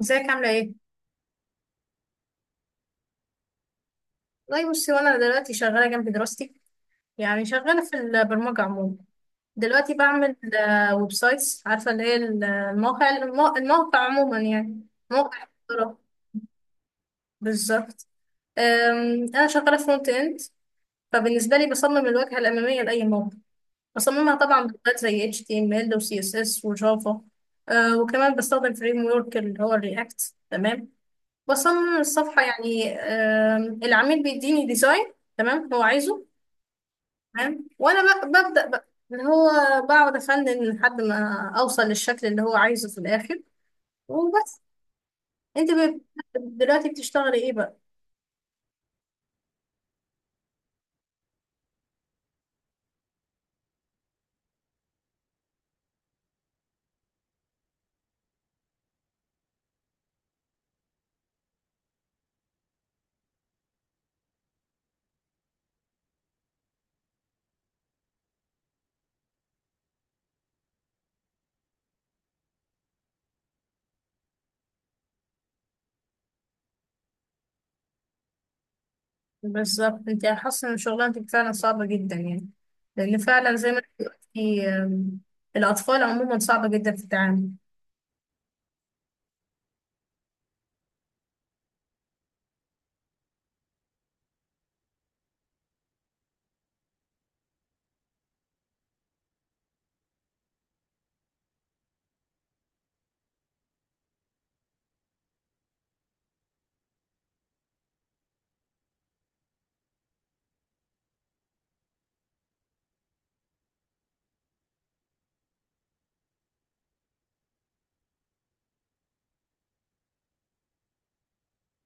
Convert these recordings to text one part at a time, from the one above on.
ازيك عاملة ايه؟ والله بصي، وانا دلوقتي شغالة جنب دراستي. يعني شغالة في البرمجة عموما. دلوقتي بعمل ويب سايتس، عارفة اللي هي الموقع عموما، يعني موقع اختراع. بالظبط. أنا شغالة فرونت إند. فبالنسبة لي بصمم الواجهة الأمامية لأي موقع. بصممها طبعا بلغات زي HTML و CSS وجافا. وكمان بستخدم فريم ورك اللي هو الرياكت، تمام. بصمم الصفحة يعني، العميل بيديني ديزاين تمام هو عايزه. تمام وأنا ببدأ بقى اللي هو، بقعد أفنن لحد ما أوصل للشكل اللي هو عايزه في الآخر. وبس. أنت ب- دلوقتي بتشتغلي إيه بقى؟ بالظبط، أنت حاسة إن شغلانتك فعلا صعبة جدا يعني. لأن فعلا زي ما أنت قلتي، الأطفال عموما صعبة جدا في التعامل.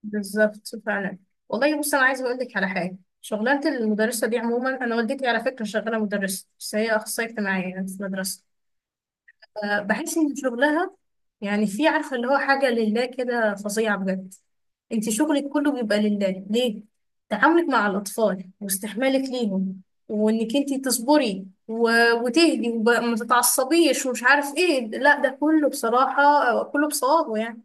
بالظبط فعلا. والله بص، انا عايزه اقول لك على حاجه، شغلانه المدرسه دي عموما، انا والدتي على فكره شغاله مدرسه، بس هي اخصائيه اجتماعيه يعني في مدرسه. بحس ان شغلها يعني، في عارفه اللي هو حاجه لله كده، فظيعه بجد. انت شغلك كله بيبقى لله، ليه؟ تعاملك مع الاطفال، واستحمالك ليهم، وانك انت تصبري وتهدي، وما تتعصبيش، ومش عارف ايه، لا ده كله بصراحه، كله بصوابه يعني.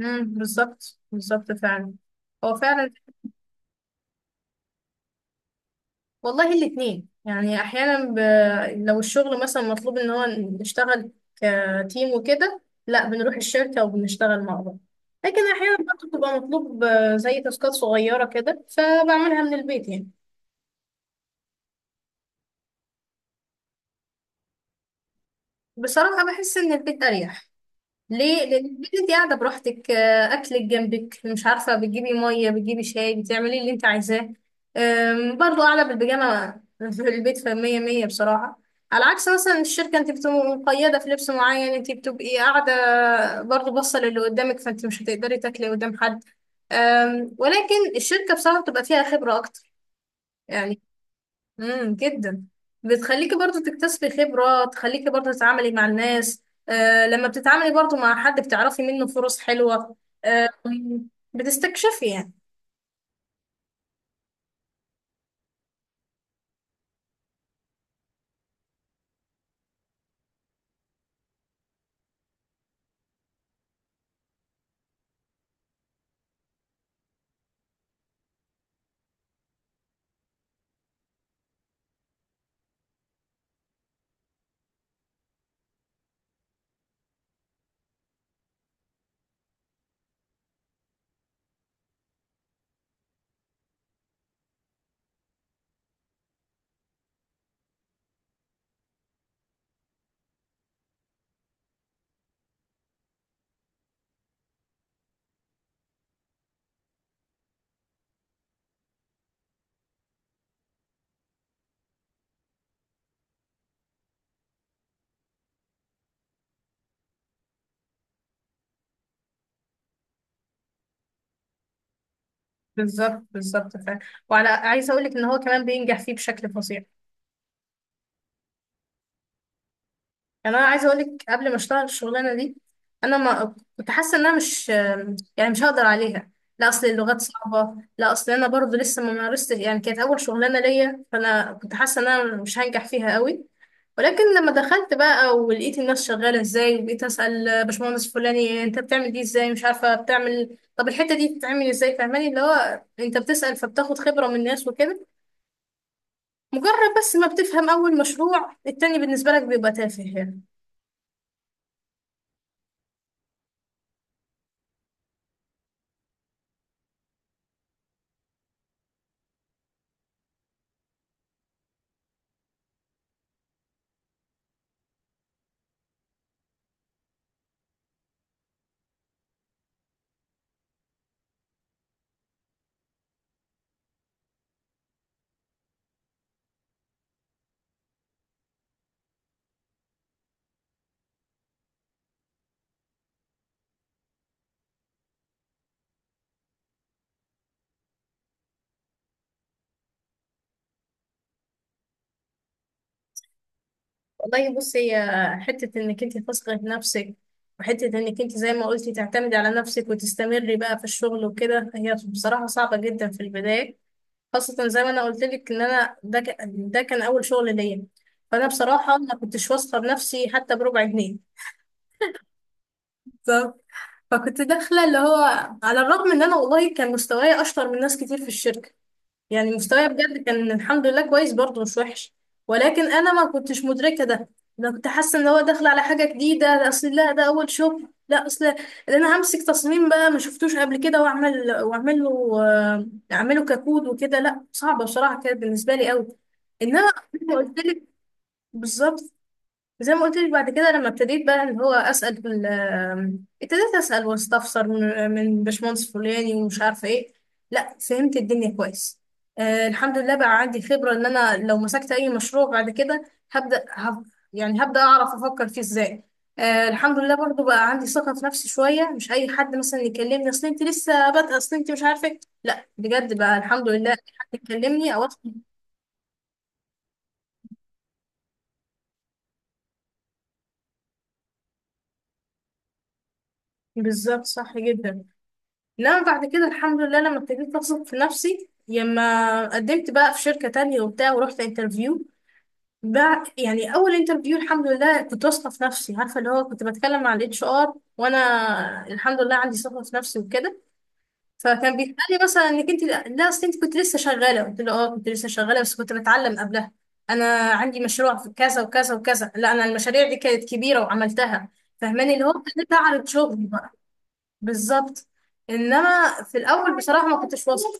امم، بالظبط بالظبط فعلا. هو فعلا. والله الاتنين يعني، احيانا لو الشغل مثلا مطلوب ان هو نشتغل كتيم وكده، لا بنروح الشركة وبنشتغل مع بعض. لكن احيانا برضه بتبقى مطلوب زي تاسكات صغيرة كده، فبعملها من البيت يعني. بصراحة بحس ان البيت اريح. ليه؟ لان البيت انت قاعده براحتك، اكلك جنبك، مش عارفه بتجيبي ميه، بتجيبي شاي، بتعملي اللي انت عايزاه. برضو قاعده بالبيجامه في البيت، فمية مية بصراحه. على عكس مثلا الشركه، انت بتبقي مقيده في لبس معين، انت بتبقي قاعده برضو باصه للي قدامك، فانت مش هتقدري تاكلي قدام حد. ولكن الشركه بصراحه بتبقى فيها خبره اكتر يعني. جدا. بتخليكي برضو تكتسبي خبرة، تخليكي برضو تتعاملي مع الناس. آه، لما بتتعاملي برضو مع حد بتعرفي منه فرص حلوة. آه. بتستكشفي يعني. بالظبط بالظبط فعلا. وعلى عايزه اقول لك ان هو كمان بينجح فيه بشكل فظيع. يعني انا عايزه اقول لك، قبل ما اشتغل الشغلانه دي، انا ما كنت حاسه ان انا مش، يعني مش هقدر عليها. لا اصل اللغات صعبه، لا اصل انا برضو لسه ما مارستش، يعني كانت اول شغلانه ليا، فانا كنت حاسه ان انا مش هنجح فيها قوي. ولكن لما دخلت بقى ولقيت الناس شغاله ازاي، وبقيت اسال باشمهندس فلاني انت بتعمل دي ازاي، مش عارفه بتعمل، طب الحته دي بتتعمل ازاي، فاهماني اللي هو انت بتسال فبتاخد خبره من الناس وكده. مجرد بس ما بتفهم اول مشروع، التاني بالنسبه لك بيبقى تافه يعني. والله بصي، هي حتة انك انت تثقي في نفسك، وحتة انك انت زي ما قلتي تعتمدي على نفسك وتستمري بقى في الشغل وكده، هي بصراحة صعبة جدا في البداية. خاصة زي ما انا قلت لك ان انا ده، ده كان اول شغل ليا. فانا بصراحة ما كنتش واثقة بنفسي حتى بربع جنيه. ف- فكنت داخلة اللي هو، على الرغم ان انا والله كان مستواي اشطر من ناس كتير في الشركة. يعني مستواي بجد كان الحمد لله كويس، برضه مش وحش. ولكن انا ما كنتش مدركه ده. انا كنت حاسه ان هو داخل على حاجه جديده، ده اصل لا ده اول شغل، لا اصل ده، انا همسك تصميم بقى ما شفتوش قبل كده واعمل، واعمل له اعمله ككود وكده، لا صعبه بصراحه كانت بالنسبه لي قوي. انما زي ما قلت لك، بالظبط. زي ما قلت لك، بعد كده لما ابتديت بقى اللي هو اسال في ابتديت اسال واستفسر من باشمهندس فلاني ومش عارفه ايه، لا فهمت الدنيا كويس. آه، الحمد لله بقى عندي خبره، ان انا لو مسكت اي مشروع بعد كده، هبدا هب يعني هبدا اعرف افكر فيه ازاي. آه، الحمد لله برضو بقى عندي ثقه في نفسي شويه، مش اي حد مثلا يكلمني اصل انت لسه بادئه، اصل انت مش عارفه إيه". لا بجد بقى الحمد لله، أي حد يكلمني او بالظبط، صح جدا. لا بعد كده الحمد لله، لما ابتديت اثق في نفسي، لما قدمت بقى في شركة تانية وبتاع ورحت انترفيو. بقى يعني اول انترفيو الحمد لله كنت واثقة في نفسي، عارفة اللي هو كنت بتكلم مع الاتش ار وانا الحمد لله عندي ثقة في نفسي وكده. فكان بيتقال لي مثلا انك انت، لا اصل انت كنت لسه شغالة. قلت له اه كنت لسه شغالة بس كنت بتعلم قبلها، انا عندي مشروع في كذا وكذا وكذا. لا انا المشاريع دي كانت كبيرة وعملتها. فاهماني اللي هو ابتديت اعرض شغلي. بالظبط. انما في الاول بصراحه ما كنتش واثقه.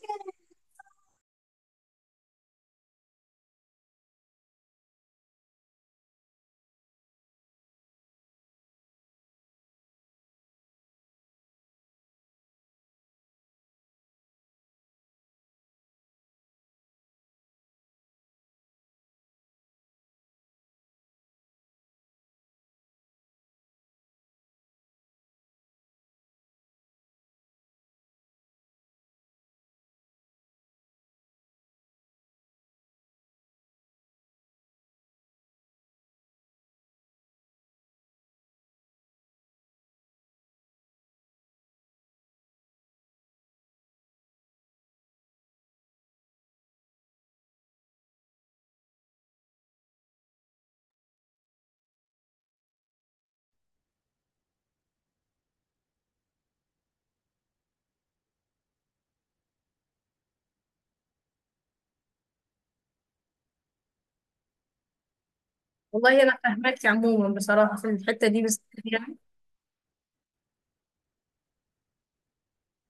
والله انا فاهماكي. عموما بصراحه في الحته دي بس، يعني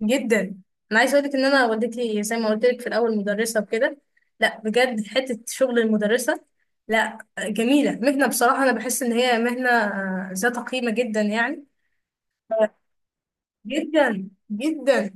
جدا، انا عايزه اقول لك ان انا والدتي زي ما قلت لك في الاول مدرسه وكده. لا بجد حته شغل المدرسه، لا جميله مهنه بصراحه، انا بحس ان هي مهنه ذات قيمه جدا يعني. جدا جدا.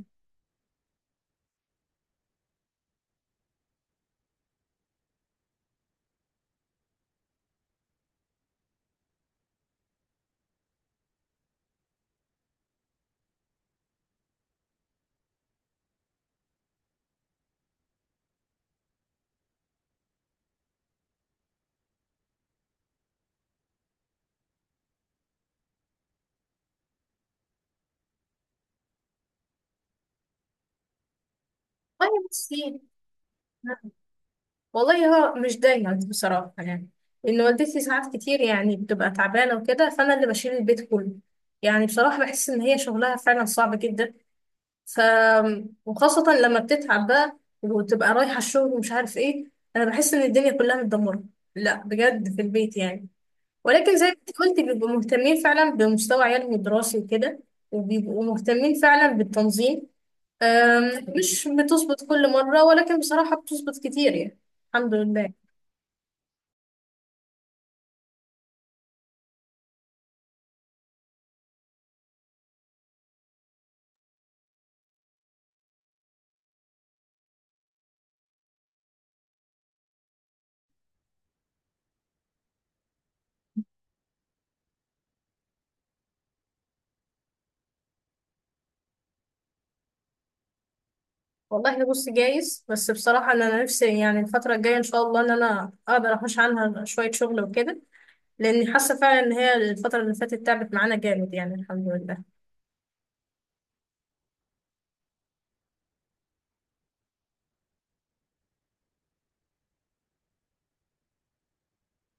طيب بصي، والله هو مش دايما بصراحة يعني. لأن والدتي ساعات كتير يعني بتبقى تعبانة وكده، فأنا اللي بشيل البيت كله. يعني بصراحة بحس إن هي شغلها فعلا صعب جدا. ف وخاصة لما بتتعب بقى، وتبقى رايحة الشغل ومش عارف إيه، أنا بحس إن الدنيا كلها متدمرة، لا بجد في البيت يعني. ولكن زي ما انت قلت بيبقوا مهتمين فعلا بمستوى عيالهم الدراسي وكده. وبيبقوا مهتمين فعلا بالتنظيم. مش بتظبط كل مرة، ولكن بصراحة بتظبط كتير يعني، الحمد لله. والله بص، جايز، بس بصراحة إن أنا نفسي يعني الفترة الجاية إن شاء الله إن أنا أقدر أحوش عنها شوية شغل وكده. لأني حاسة فعلا إن هي الفترة اللي فاتت تعبت معانا جامد يعني، الحمد لله.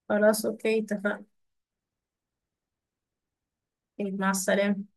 خلاص أوكي اتفقنا. طيب، مع السلامة.